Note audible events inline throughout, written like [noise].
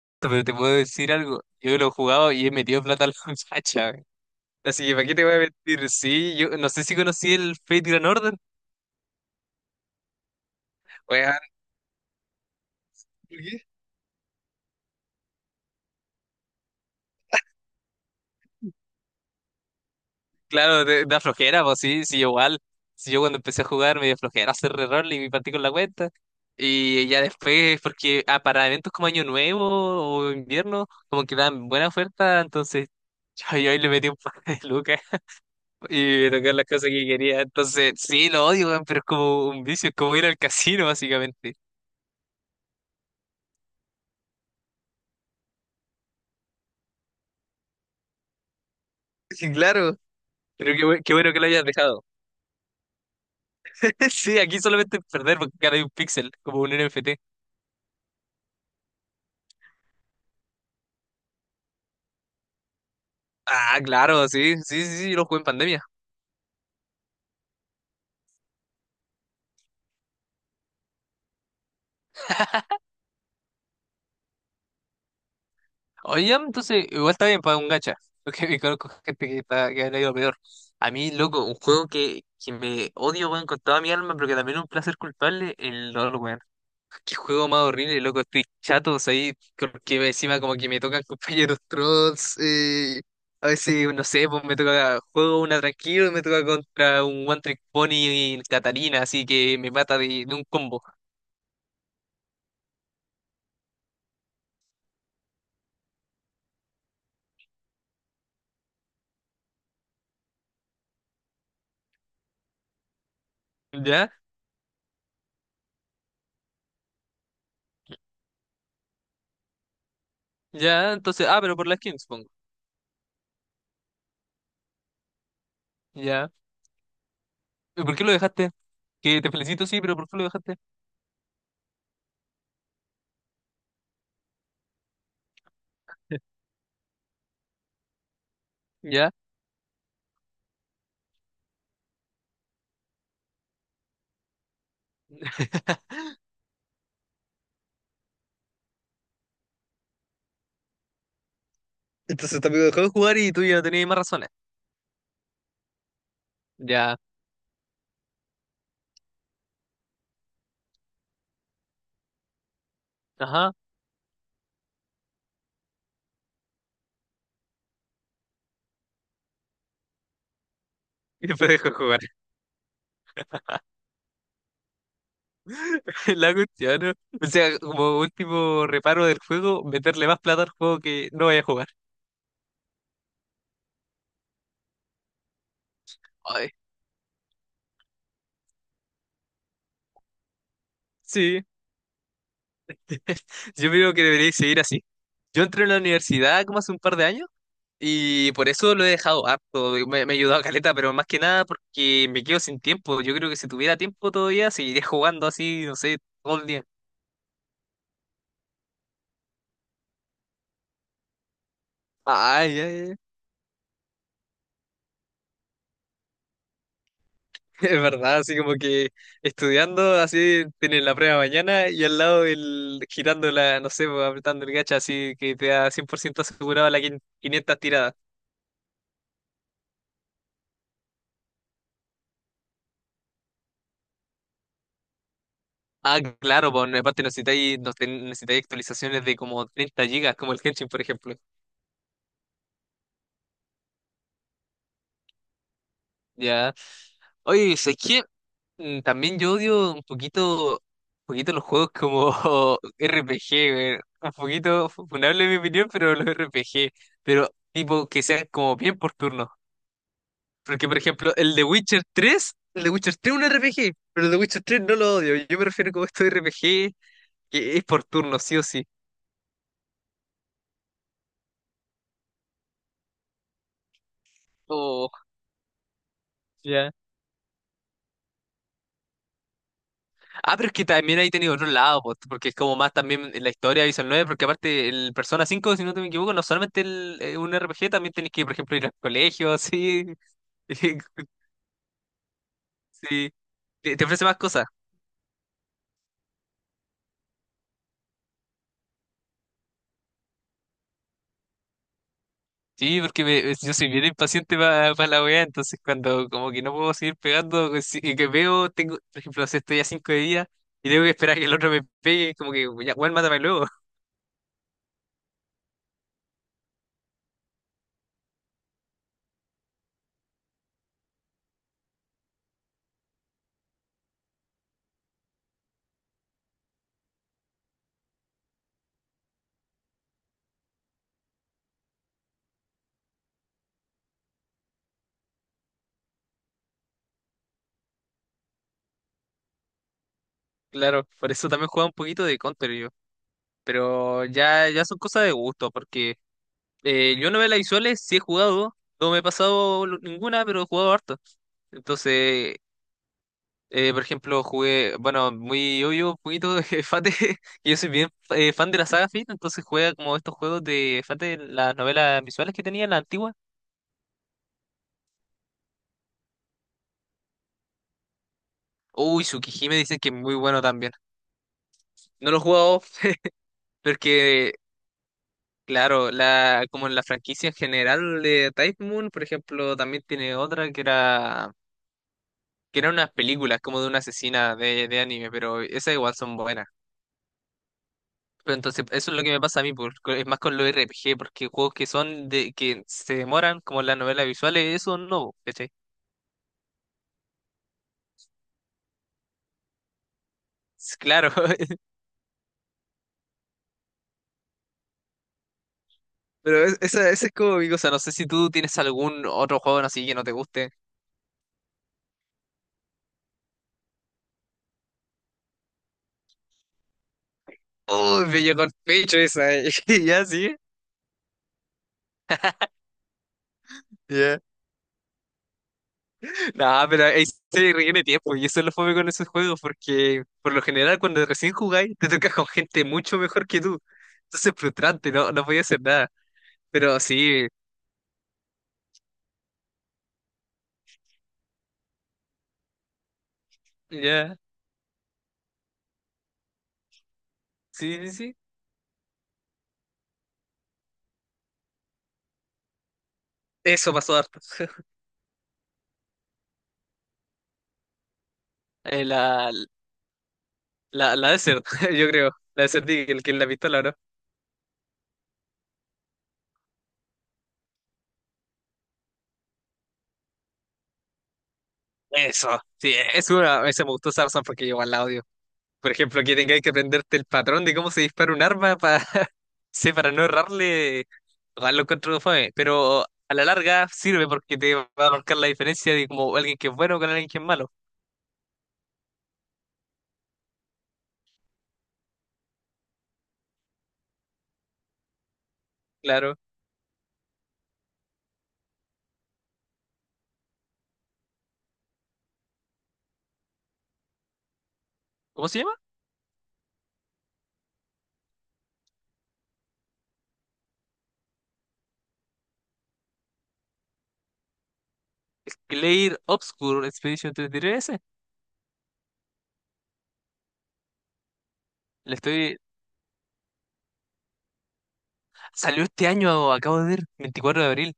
[laughs] Pero te puedo decir algo. Yo lo he jugado y he metido plata a la [laughs] muchacha, güey. Así que, ¿para qué te voy a mentir? Sí, yo no sé si conocí el Fate Grand Order. Weón, ¿qué? Claro, da flojera, pues sí, sí, igual. Si yo cuando empecé a jugar me dio flojera hacer reroll y me partí con la cuenta. Y ya después, porque para eventos como Año Nuevo o invierno, como que dan buena oferta, entonces [laughs] yo ahí le metí un par de lucas y me tocaron las cosas que quería. Entonces, sí, lo odio, weón, pero es como un vicio, es como ir al casino, básicamente. Sí, claro. Pero qué bueno que lo hayas dejado. [laughs] Sí, aquí solamente perder porque cada hay un píxel, como un NFT. Ah, claro, sí, sí, sí, sí, lo jugué en pandemia. Oye, ya, entonces, igual está bien para un gacha. [laughs] Porque me conozco gente que le ha ido peor. A mí, loco, un juego que me odio, weón, con toda mi alma, pero que también es un placer culpable, el LOL, weón. Qué juego más horrible, loco. Estoy chato, ahí. Porque encima como que me tocan [laughs] compañeros trolls. A veces, no sé, pues me toca juego una tranquilo y me toca contra un One Trick Pony y Catarina, así que me mata de un combo. ¿Ya? ¿Ya? Entonces, ah, pero por las skins, pongo. ¿Ya? ¿Y por qué lo dejaste? Que te felicito, sí, pero ¿por qué lo dejaste? ¿Ya? Entonces tu amigo dejó de jugar y tú ya no tenías más razones. Ya. Ajá. [laughs] Y después dejó de jugar. [laughs] La cuestión, ¿no? O sea, como último reparo del juego, meterle más plata al juego que no vaya a jugar. Ay, sí, [laughs] yo creo que debería seguir así. Yo entré en la universidad como hace un par de años y por eso lo he dejado harto. Me ha ayudado caleta, pero más que nada porque me quedo sin tiempo. Yo creo que si tuviera tiempo todavía seguiría jugando así, no sé, todo el día. Ay, ay, ay. Es verdad, así como que estudiando, así tienes la prueba mañana y al lado el girando la, no sé, pues, apretando el gacha, así que te da 100% asegurado 500 tiradas. Ah, claro, pues en parte necesitáis actualizaciones de como 30 gigas, como el Genshin, por ejemplo. Ya. Oye, es que también yo odio un poquito los juegos como [laughs] RPG, güey. Un poquito funable en mi opinión, pero los RPG. Pero tipo que sean como bien por turno. Porque, por ejemplo, el de Witcher 3 el de Witcher 3 es un RPG, pero el de Witcher 3 no lo odio. Yo me refiero como esto de RPG, que es por turno, sí o sí. Oh, ya. Ah, pero es que también ahí tenido otro lado, po, porque es como más también en la historia de Visual 9 porque aparte el Persona 5 si no te me equivoco, no solamente un RPG, también tenés que, por ejemplo, ir al colegio, así. [laughs] Sí, te ofrece más cosas. Sí, porque yo soy bien impaciente para la weá, entonces cuando como que no puedo seguir pegando, que si- que veo, tengo, por ejemplo, no sé, estoy a cinco de día y tengo que esperar a que el otro me pegue, como que ya, weón, mátame luego. [laughs] Claro, por eso también jugaba un poquito de Counter yo. Pero ya, ya son cosas de gusto, porque yo novelas visuales sí he jugado, no me he ninguna, pero he jugado harto. Entonces, por ejemplo, jugué, bueno, muy obvio, un poquito de [laughs] Fate, que yo soy bien fan de la saga Fate, entonces juega como estos juegos de Fate, las novelas visuales que tenía, las antiguas. Uy, Tsukihime dicen que es muy bueno también. No lo he jugado porque, claro, la, como en la franquicia en general de Type Moon, por ejemplo, también tiene otra que eran unas películas como de una asesina de anime, pero esas igual son buenas. Pero entonces, eso es lo que me pasa a mí, es más con los RPG, porque juegos que son de que se demoran, como las novelas visuales, eso no, ¿cachai? Claro, [laughs] pero esa, esa es como mi cosa. No sé si tú tienes algún otro juego así que no te guste. Uy, me llegó el pecho esa, eh. [laughs] Ya, sí. Ya. No, pero ahí se requiere tiempo, y eso es lo fome con esos juegos, porque por lo general, cuando recién jugáis, te tocas con gente mucho mejor que tú. Entonces es frustrante, no, no podía hacer nada. Pero sí, ya. Sí, sí, sí. Eso pasó harto. [laughs] Eh, la, la Desert, [laughs] yo creo. La Desert Eagle, que es la pistola, ¿no? Eso. Sí, es una. Esa me gustó sarson porque yo al audio. Por ejemplo, que tengáis que aprenderte el patrón de cómo se dispara un arma para [laughs] sí, para no errarle. Igual lo encuentro fome. Pero a la larga sirve porque te va a marcar la diferencia de como alguien que es bueno con alguien que es malo. Claro. ¿Cómo se llama? Clair Obscure Expedition 33S. Le estoy. Salió este año, acabo de ver, 24 de abril.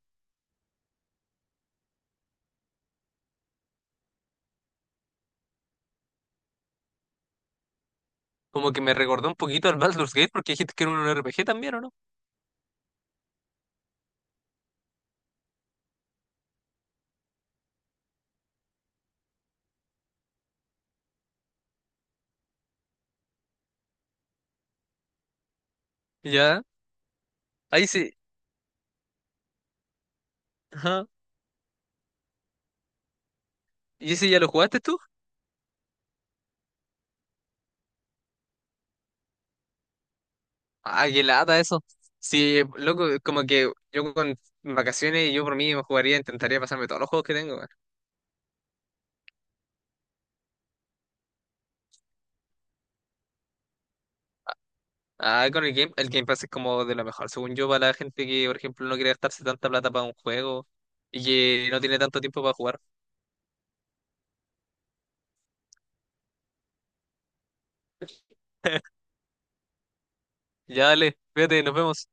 Como que me recordó un poquito al Baldur's Gate porque dijiste que era un RPG también, ¿o no? Ya, ahí sí. Ajá. ¿Y ese ya lo jugaste tú? Ah, qué lata eso. Sí, loco, como que yo con vacaciones, yo por mí me jugaría, intentaría pasarme todos los juegos que tengo, weón. Ah, con el Game Pass es como de lo mejor, según yo, para la gente que, por ejemplo, no quiere gastarse tanta plata para un juego y que no tiene tanto tiempo para jugar. Ya, dale, fíjate, nos vemos.